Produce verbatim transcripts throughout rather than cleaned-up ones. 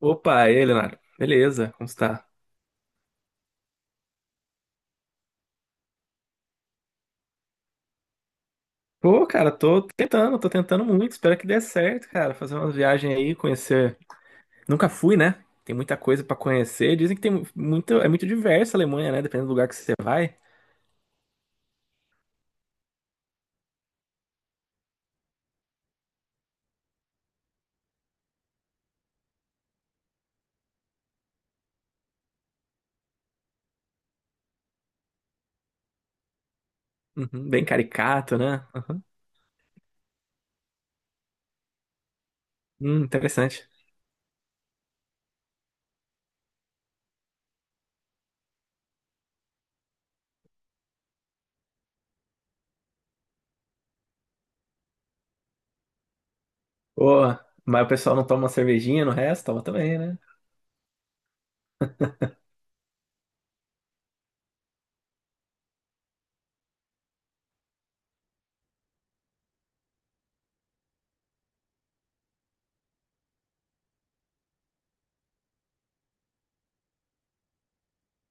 Opa, e aí, Leonardo? Beleza, como está? Pô, cara, tô tentando, tô tentando muito, espero que dê certo, cara, fazer uma viagem aí, conhecer. Nunca fui, né? Tem muita coisa pra conhecer. Dizem que tem mu- muito, é muito diversa a Alemanha, né? Dependendo do lugar que você vai. Uhum, bem caricato, né? Uhum. Hum, interessante. Pô, mas o pessoal não toma uma cervejinha no resto? Toma também, né?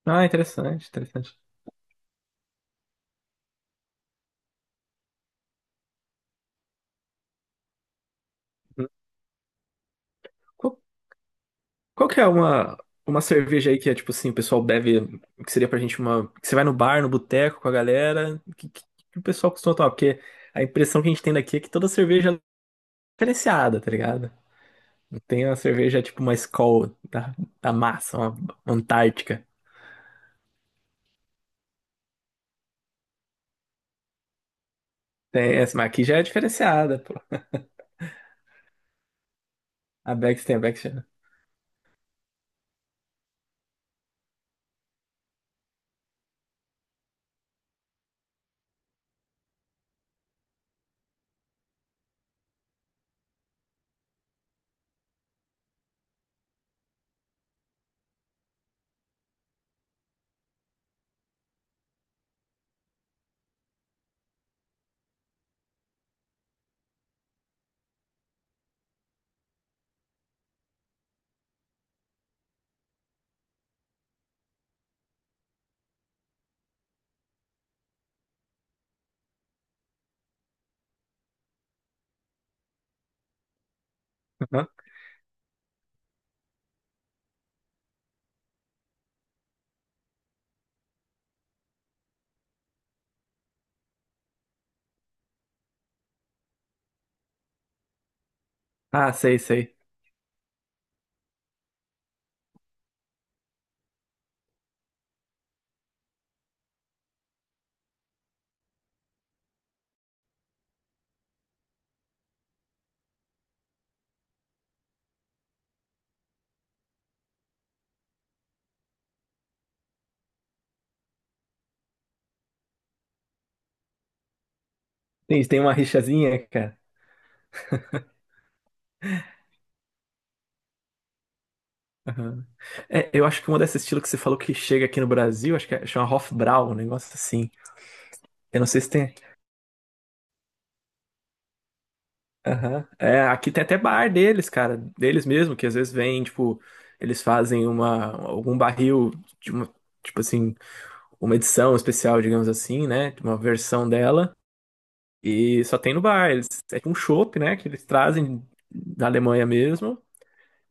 Ah, interessante, interessante. Uhum. Qual que é uma, uma cerveja aí que é tipo assim, o pessoal bebe, que seria pra gente uma. Que você vai no bar, no boteco com a galera, que, que- que o pessoal costuma tomar? Porque a impressão que a gente tem daqui é que toda cerveja é diferenciada, tá ligado? Não. Tem uma cerveja tipo uma Skol da, da massa, uma uma Antártica. Tem essa, mas aqui já é diferenciada, pô. A Beck's, tem a Beck's já. Aham. Ah, sei, sei. Tem, tem uma rixazinha, cara. Aham. É, eu acho que uma desse estilo que você falou que chega aqui no Brasil, acho que é, chama Hofbrau, um negócio assim. Eu não sei se tem. Aham. É, aqui tem até bar deles, cara, deles mesmo, que às vezes vem, tipo, eles fazem uma, algum barril de uma, tipo assim, uma edição especial, digamos assim, né? De uma versão dela. E só tem no bar. Eles, é tipo um chopp, né? Que eles trazem da Alemanha mesmo.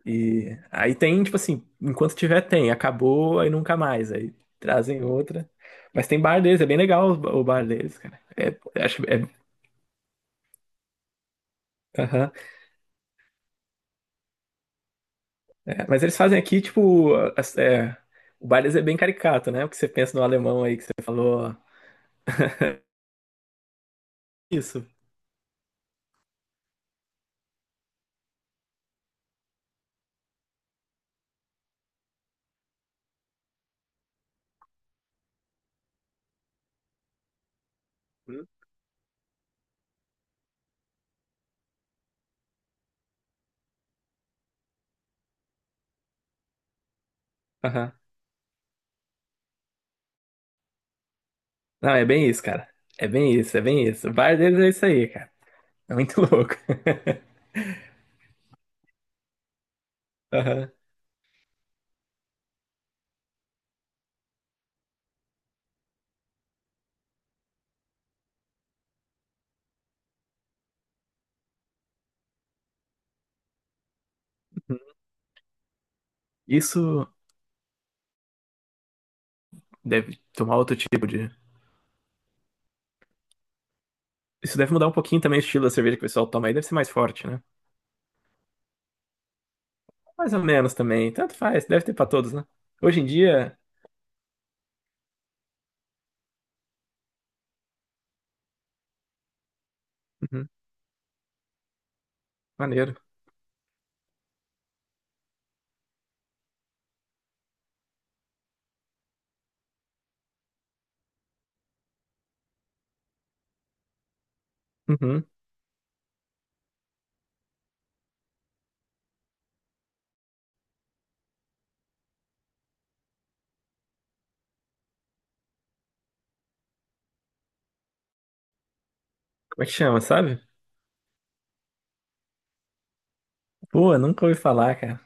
E aí tem, tipo assim, enquanto tiver, tem. Acabou, aí nunca mais. Aí trazem outra. Mas tem bar deles, é bem legal o o bar deles, cara. É, acho, é, aham. É, mas eles fazem aqui, tipo, as- é, o Baileys é bem caricato, né? O que você pensa no alemão aí que você falou. Isso. Hum? Aham. Não, é bem isso, cara. É bem isso, é bem isso. O bar deles é isso aí, cara. É muito louco. Aham. Isso deve tomar outro tipo de. Isso deve mudar um pouquinho também o estilo da cerveja que o pessoal toma aí. Deve ser mais forte, né? Mais ou menos também. Tanto faz. Deve ter pra todos, né? Hoje em dia. Uhum. Maneiro. Uhum. Como é que chama, sabe? Pô, nunca ouvi falar, cara.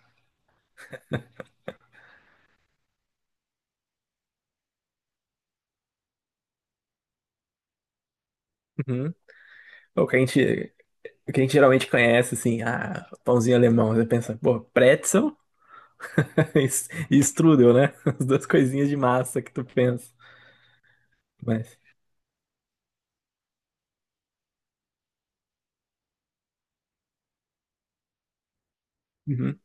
Uhum. Pô, que a gente. O que a gente geralmente conhece, assim, ah, pãozinho alemão. Você pensa, pô, pretzel e s- e strudel, né? As duas coisinhas de massa que tu pensa. Mas, uhum.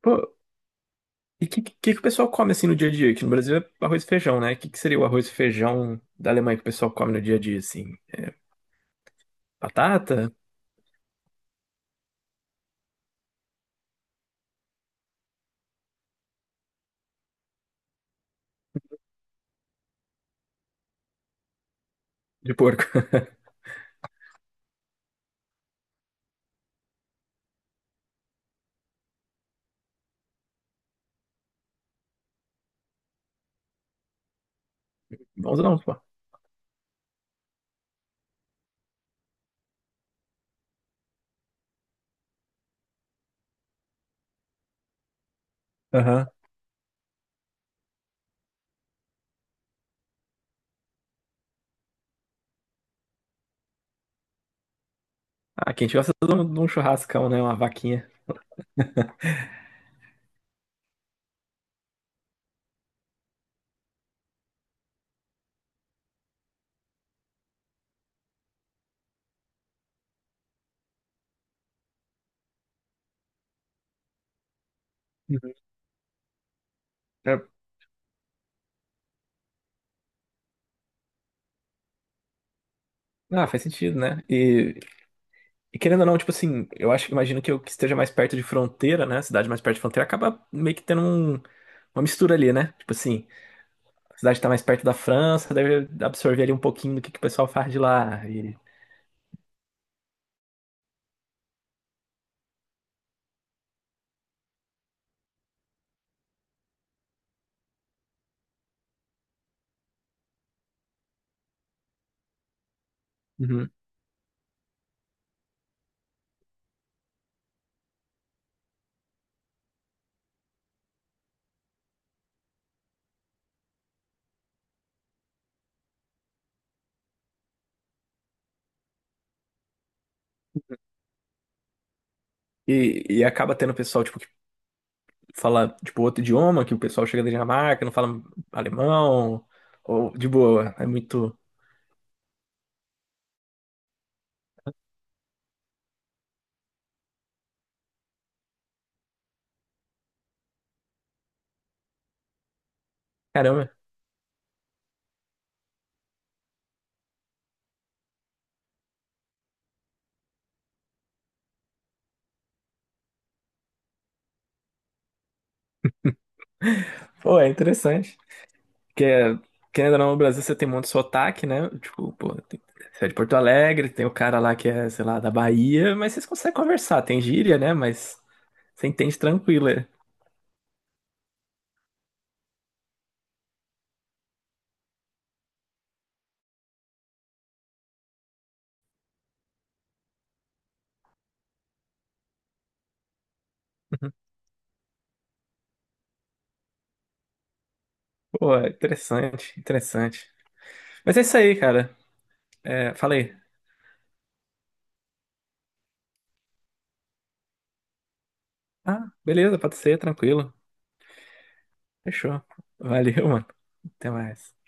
Pô, e o que, que, que o pessoal come, assim, no dia a dia? Aqui no Brasil é arroz e feijão, né? O que que seria o arroz e feijão da Alemanha que o pessoal come no dia a dia, assim? Batata de porco. Bonzão, pô. Aham. Ah, quem gosta de um, de um churrascão, né? Uma vaquinha. Uhum. É. Ah, faz sentido, né? E, e querendo ou não, tipo assim, eu acho, imagino que eu que esteja mais perto de fronteira, né? A cidade mais perto de fronteira acaba meio que tendo um- uma mistura ali, né? Tipo assim, a cidade tá mais perto da França, deve absorver ali um pouquinho do que, que o pessoal faz de lá. E, uhum, e, e acaba tendo pessoal, tipo, que fala, tipo, outro idioma, que o pessoal chega da Dinamarca, não fala alemão, ou de boa, é muito. Caramba. Pô, é interessante. Que é, querendo ou não, no Brasil você tem muito sotaque, né? Tipo, pô, tem- você é de Porto Alegre, tem o cara lá que é, sei lá, da Bahia, mas vocês conseguem conversar, tem gíria, né? Mas você entende tranquilo. É. Uhum. Pô, é interessante, interessante. Mas é isso aí, cara. É, falei. Ah, beleza, pode ser, tranquilo. Fechou. Valeu, mano. Até mais.